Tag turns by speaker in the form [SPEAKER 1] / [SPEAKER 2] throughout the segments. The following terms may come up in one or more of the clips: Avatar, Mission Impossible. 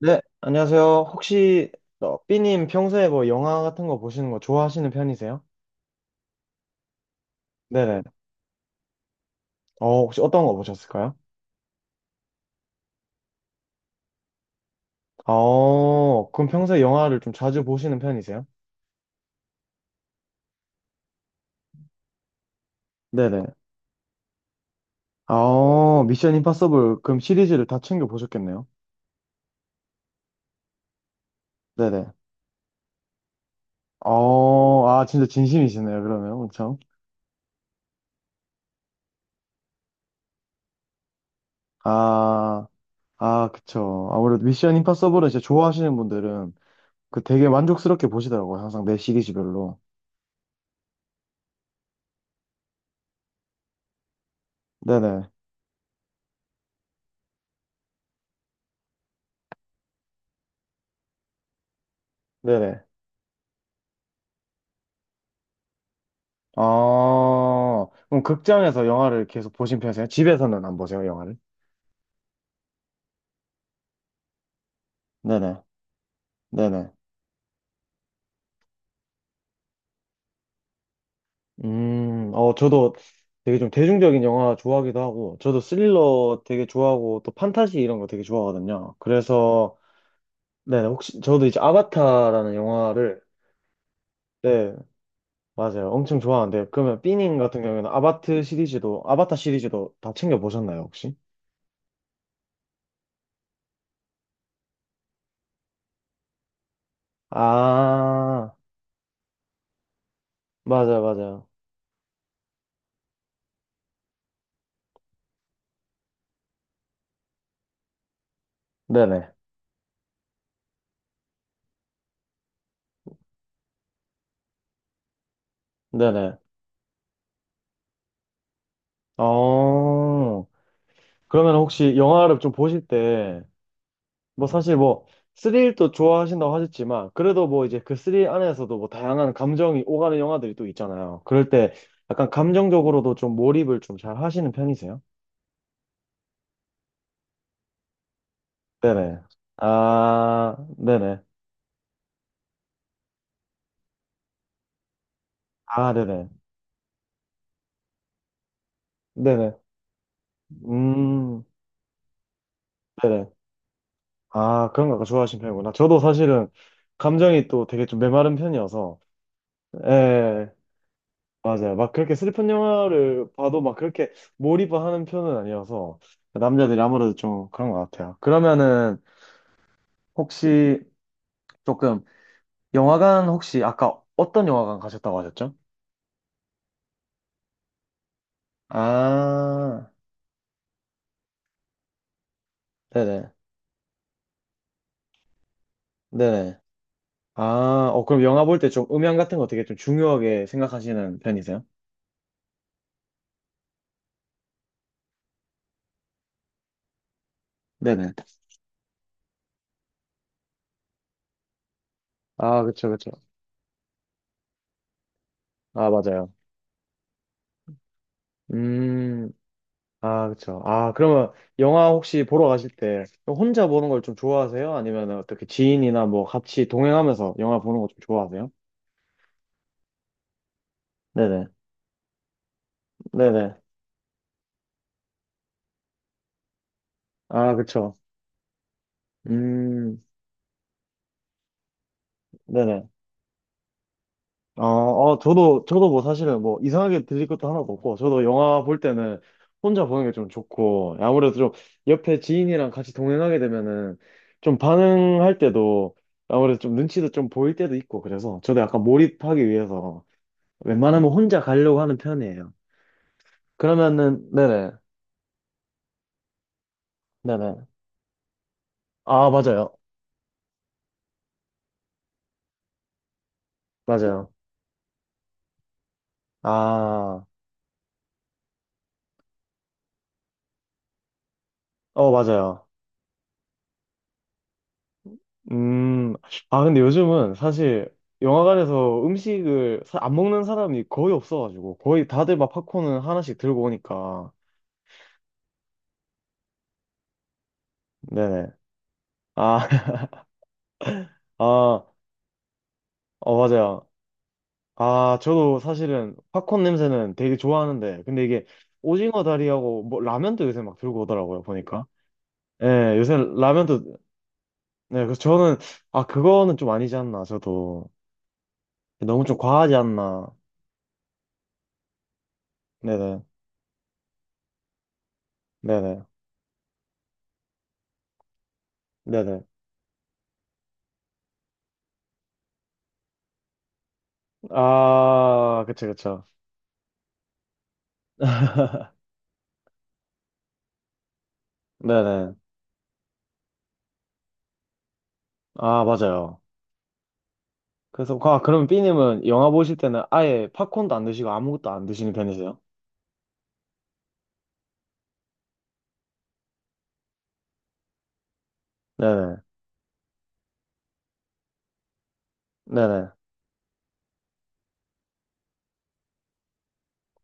[SPEAKER 1] 네, 안녕하세요. 혹시 삐님 평소에 뭐 영화 같은 거 보시는 거 좋아하시는 편이세요? 네네. 혹시 어떤 거 보셨을까요? 그럼 평소에 영화를 좀 자주 보시는 편이세요? 네네. 미션 임파서블 그럼 시리즈를 다 챙겨 보셨겠네요. 네네. 아, 진짜 진심이시네요, 그러면 엄청. 아, 아, 그쵸. 아무래도 미션 임파서블은 진짜 좋아하시는 분들은 그 되게 만족스럽게 보시더라고요, 항상 매 시리즈별로. 네네. 네네. 아, 그럼 극장에서 영화를 계속 보신 편이세요? 집에서는 안 보세요, 영화를? 네네, 네네. 저도 되게 좀 대중적인 영화 좋아하기도 하고, 저도 스릴러 되게 좋아하고, 또 판타지 이런 거 되게 좋아하거든요. 그래서, 네, 네 혹시, 저도 이제 아바타라는 영화를, 네, 맞아요. 엄청 좋아하는데, 그러면 삐님 같은 경우에는 아바트 시리즈도, 아바타 시리즈도 다 챙겨보셨나요, 혹시? 아, 맞아요, 맞아요. 네네, 네네. 어, 그러면 혹시 영화를 좀 보실 때, 뭐 사실 뭐, 스릴도 좋아하신다고 하셨지만, 그래도 뭐 이제 그 스릴 안에서도 뭐 다양한 감정이 오가는 영화들이 또 있잖아요. 그럴 때 약간 감정적으로도 좀 몰입을 좀 잘 하시는 편이세요? 네네. 아, 네네. 아, 네네. 네네. 음, 네네. 아, 그런 거 좋아하시는 편이구나. 저도 사실은 감정이 또 되게 좀 메마른 편이어서, 예. 맞아요. 막 그렇게 슬픈 영화를 봐도 막 그렇게 몰입을 하는 편은 아니어서 남자들이 아무래도 좀 그런 것 같아요. 그러면은 혹시 조금 영화관 혹시 아까 어떤 영화관 가셨다고 하셨죠? 아, 네네. 네네. 아, 그럼 영화 볼 때 좀 음향 같은 거 되게 좀 중요하게 생각하시는 편이세요? 네네. 아, 그쵸, 그쵸. 아, 맞아요. 음, 아, 그쵸. 아, 그러면 영화 혹시 보러 가실 때 혼자 보는 걸 좀 좋아하세요? 아니면 어떻게 지인이나 뭐 같이 동행하면서 영화 보는 거 좀 좋아하세요? 네네. 네네. 아, 그쵸. 음, 네네. 저도, 저도 뭐 사실은 뭐 이상하게 들릴 것도 하나도 없고, 저도 영화 볼 때는 혼자 보는 게 좀 좋고, 아무래도 좀 옆에 지인이랑 같이 동행하게 되면은 좀 반응할 때도 아무래도 좀 눈치도 좀 보일 때도 있고, 그래서 저도 약간 몰입하기 위해서 웬만하면 혼자 가려고 하는 편이에요. 그러면은, 네네, 네네. 아, 맞아요. 맞아요. 아, 맞아요. 음, 아, 근데 요즘은 사실 영화관에서 음식을 사- 안 먹는 사람이 거의 없어가지고, 거의 다들 막 팝콘은 하나씩 들고 오니까. 네네. 아, 아, 맞아요. 아, 저도 사실은 팝콘 냄새는 되게 좋아하는데, 근데 이게 오징어 다리하고 뭐 라면도 요새 막 들고 오더라고요, 보니까. 예, 요새 라면도 네, 그래서 저는, 아, 그거는 좀 아니지 않나, 저도. 너무 좀 과하지 않나. 네네, 네네, 네네. 아, 그쵸, 그쵸. 네네. 아, 맞아요. 그래서, 아, 그럼 삐님은 영화 보실 때는 아예 팝콘도 안 드시고 아무것도 안 드시는 편이세요? 네네, 네네.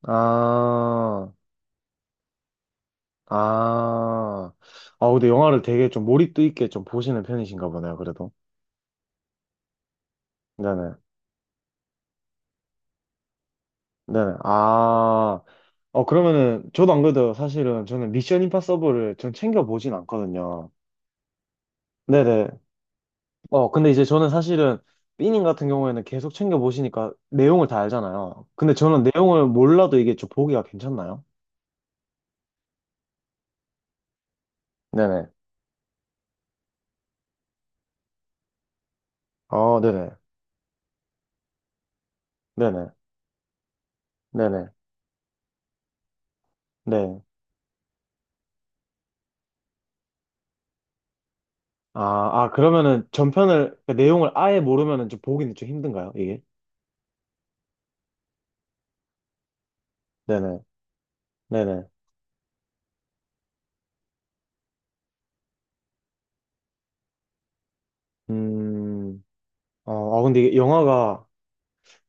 [SPEAKER 1] 아, 아. 아, 근데 영화를 되게 좀 몰입도 있게 좀 보시는 편이신가 보네요, 그래도. 네네, 네네. 아. 그러면은, 저도 안 그래도 사실은 저는 미션 임파서블을 전 챙겨보진 않거든요. 네네. 근데 이제 저는 사실은 삐님 같은 경우에는 계속 챙겨보시니까 내용을 다 알잖아요. 근데 저는 내용을 몰라도 이게 좀 보기가 괜찮나요? 네네. 어, 네네. 네네. 네네. 네. 아, 아, 그러면은 전편을, 그 내용을 아예 모르면은 좀 보기는 좀 힘든가요, 이게? 네네. 네네. 음, 아, 근데 이게 영화가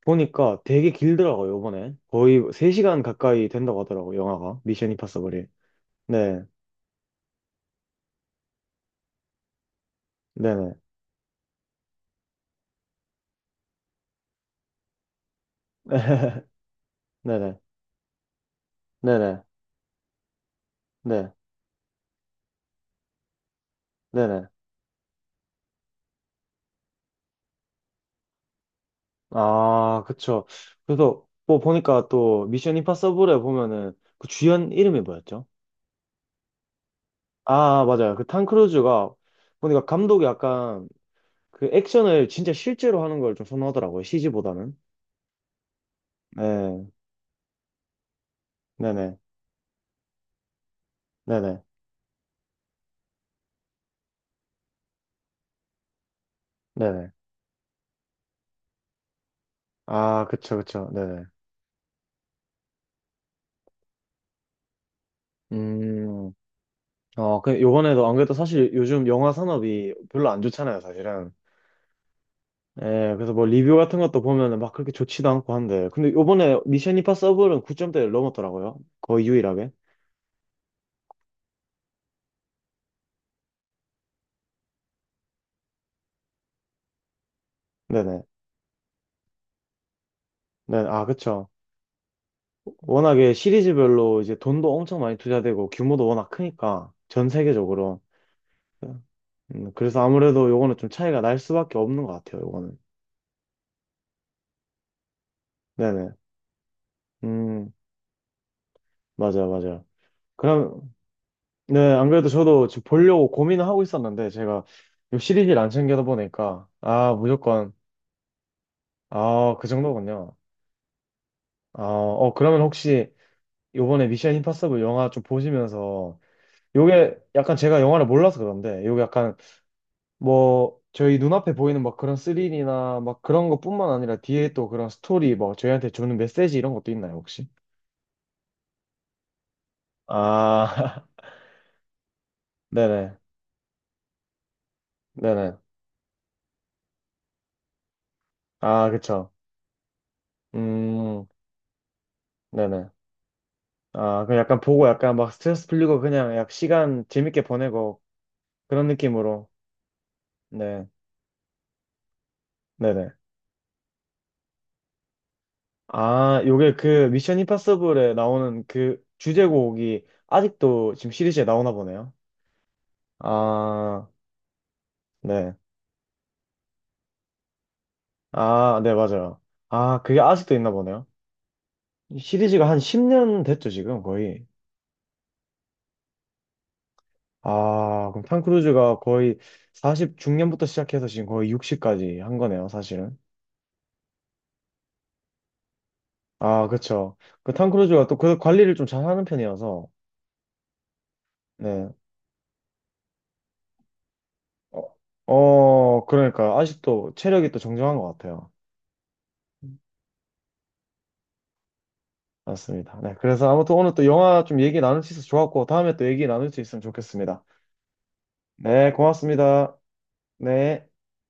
[SPEAKER 1] 보니까 되게 길더라고요, 이번에. 거의 3시간 가까이 된다고 하더라고요, 영화가. 미션 임파서블이. 네, 네네. 네네. 네네. 네, 네네. 아, 그쵸. 그래서 뭐 보니까 또 미션 임파서블에 보면은 그 주연 이름이 뭐였죠? 아, 맞아요. 그 탐 크루즈가 보니까 감독이 약간 그 액션을 진짜 실제로 하는 걸 좀 선호하더라고요, CG보다는. 네, 네네. 네네. 네네. 아, 그쵸, 그쵸. 네네. 음. 그, 요번에도 안 그래도 사실 요즘 영화 산업이 별로 안 좋잖아요, 사실은. 예, 그래서 뭐 리뷰 같은 것도 보면은 막 그렇게 좋지도 않고 한데. 근데 요번에 미션 임파서블은 9점대를 넘었더라고요. 거의 유일하게. 네네. 네, 아, 그쵸. 워낙에 시리즈별로 이제 돈도 엄청 많이 투자되고 규모도 워낙 크니까 전 세계적으로. 그래서 아무래도 요거는 좀 차이가 날 수밖에 없는 것 같아요, 요거는. 네네. 음, 맞아요, 맞아요. 그럼, 네, 안 그래도 저도 지금 보려고 고민을 하고 있었는데, 제가 이 시리즈를 안 챙겨다 보니까, 아, 무조건, 아, 그 정도군요. 아, 그러면 혹시 요번에 미션 임파서블 영화 좀 보시면서, 요게 약간 제가 영화를 몰라서 그런데, 요게 약간 뭐, 저희 눈앞에 보이는 막 그런 스릴이나 막 그런 것뿐만 아니라 뒤에 또 그런 스토리, 뭐, 저희한테 주는 메시지 이런 것도 있나요, 혹시? 아, 네네, 네네. 아, 그쵸. 음, 네네. 아, 그 약간 보고 약간 막 스트레스 풀리고 그냥 약 시간 재밌게 보내고 그런 느낌으로. 네. 네네. 아, 요게 그 미션 임파서블에 나오는 그 주제곡이 아직도 지금 시리즈에 나오나 보네요. 아, 네. 아, 네, 맞아요. 아, 그게 아직도 있나 보네요. 이 시리즈가 한 10년 됐죠, 지금 거의. 아, 그럼 탐 크루즈가 거의 40 중년부터 시작해서 지금 거의 60까지 한 거네요, 사실은. 아, 그쵸. 그 탐 크루즈가 또 그 관리를 좀 잘하는 편이어서 네. 어, 그러니까 아직도 체력이 또 정정한 것 같아요. 맞습니다. 네. 그래서 아무튼 오늘 또 영화 좀 얘기 나눌 수 있어서 좋았고, 다음에 또 얘기 나눌 수 있으면 좋겠습니다. 네, 고맙습니다. 네.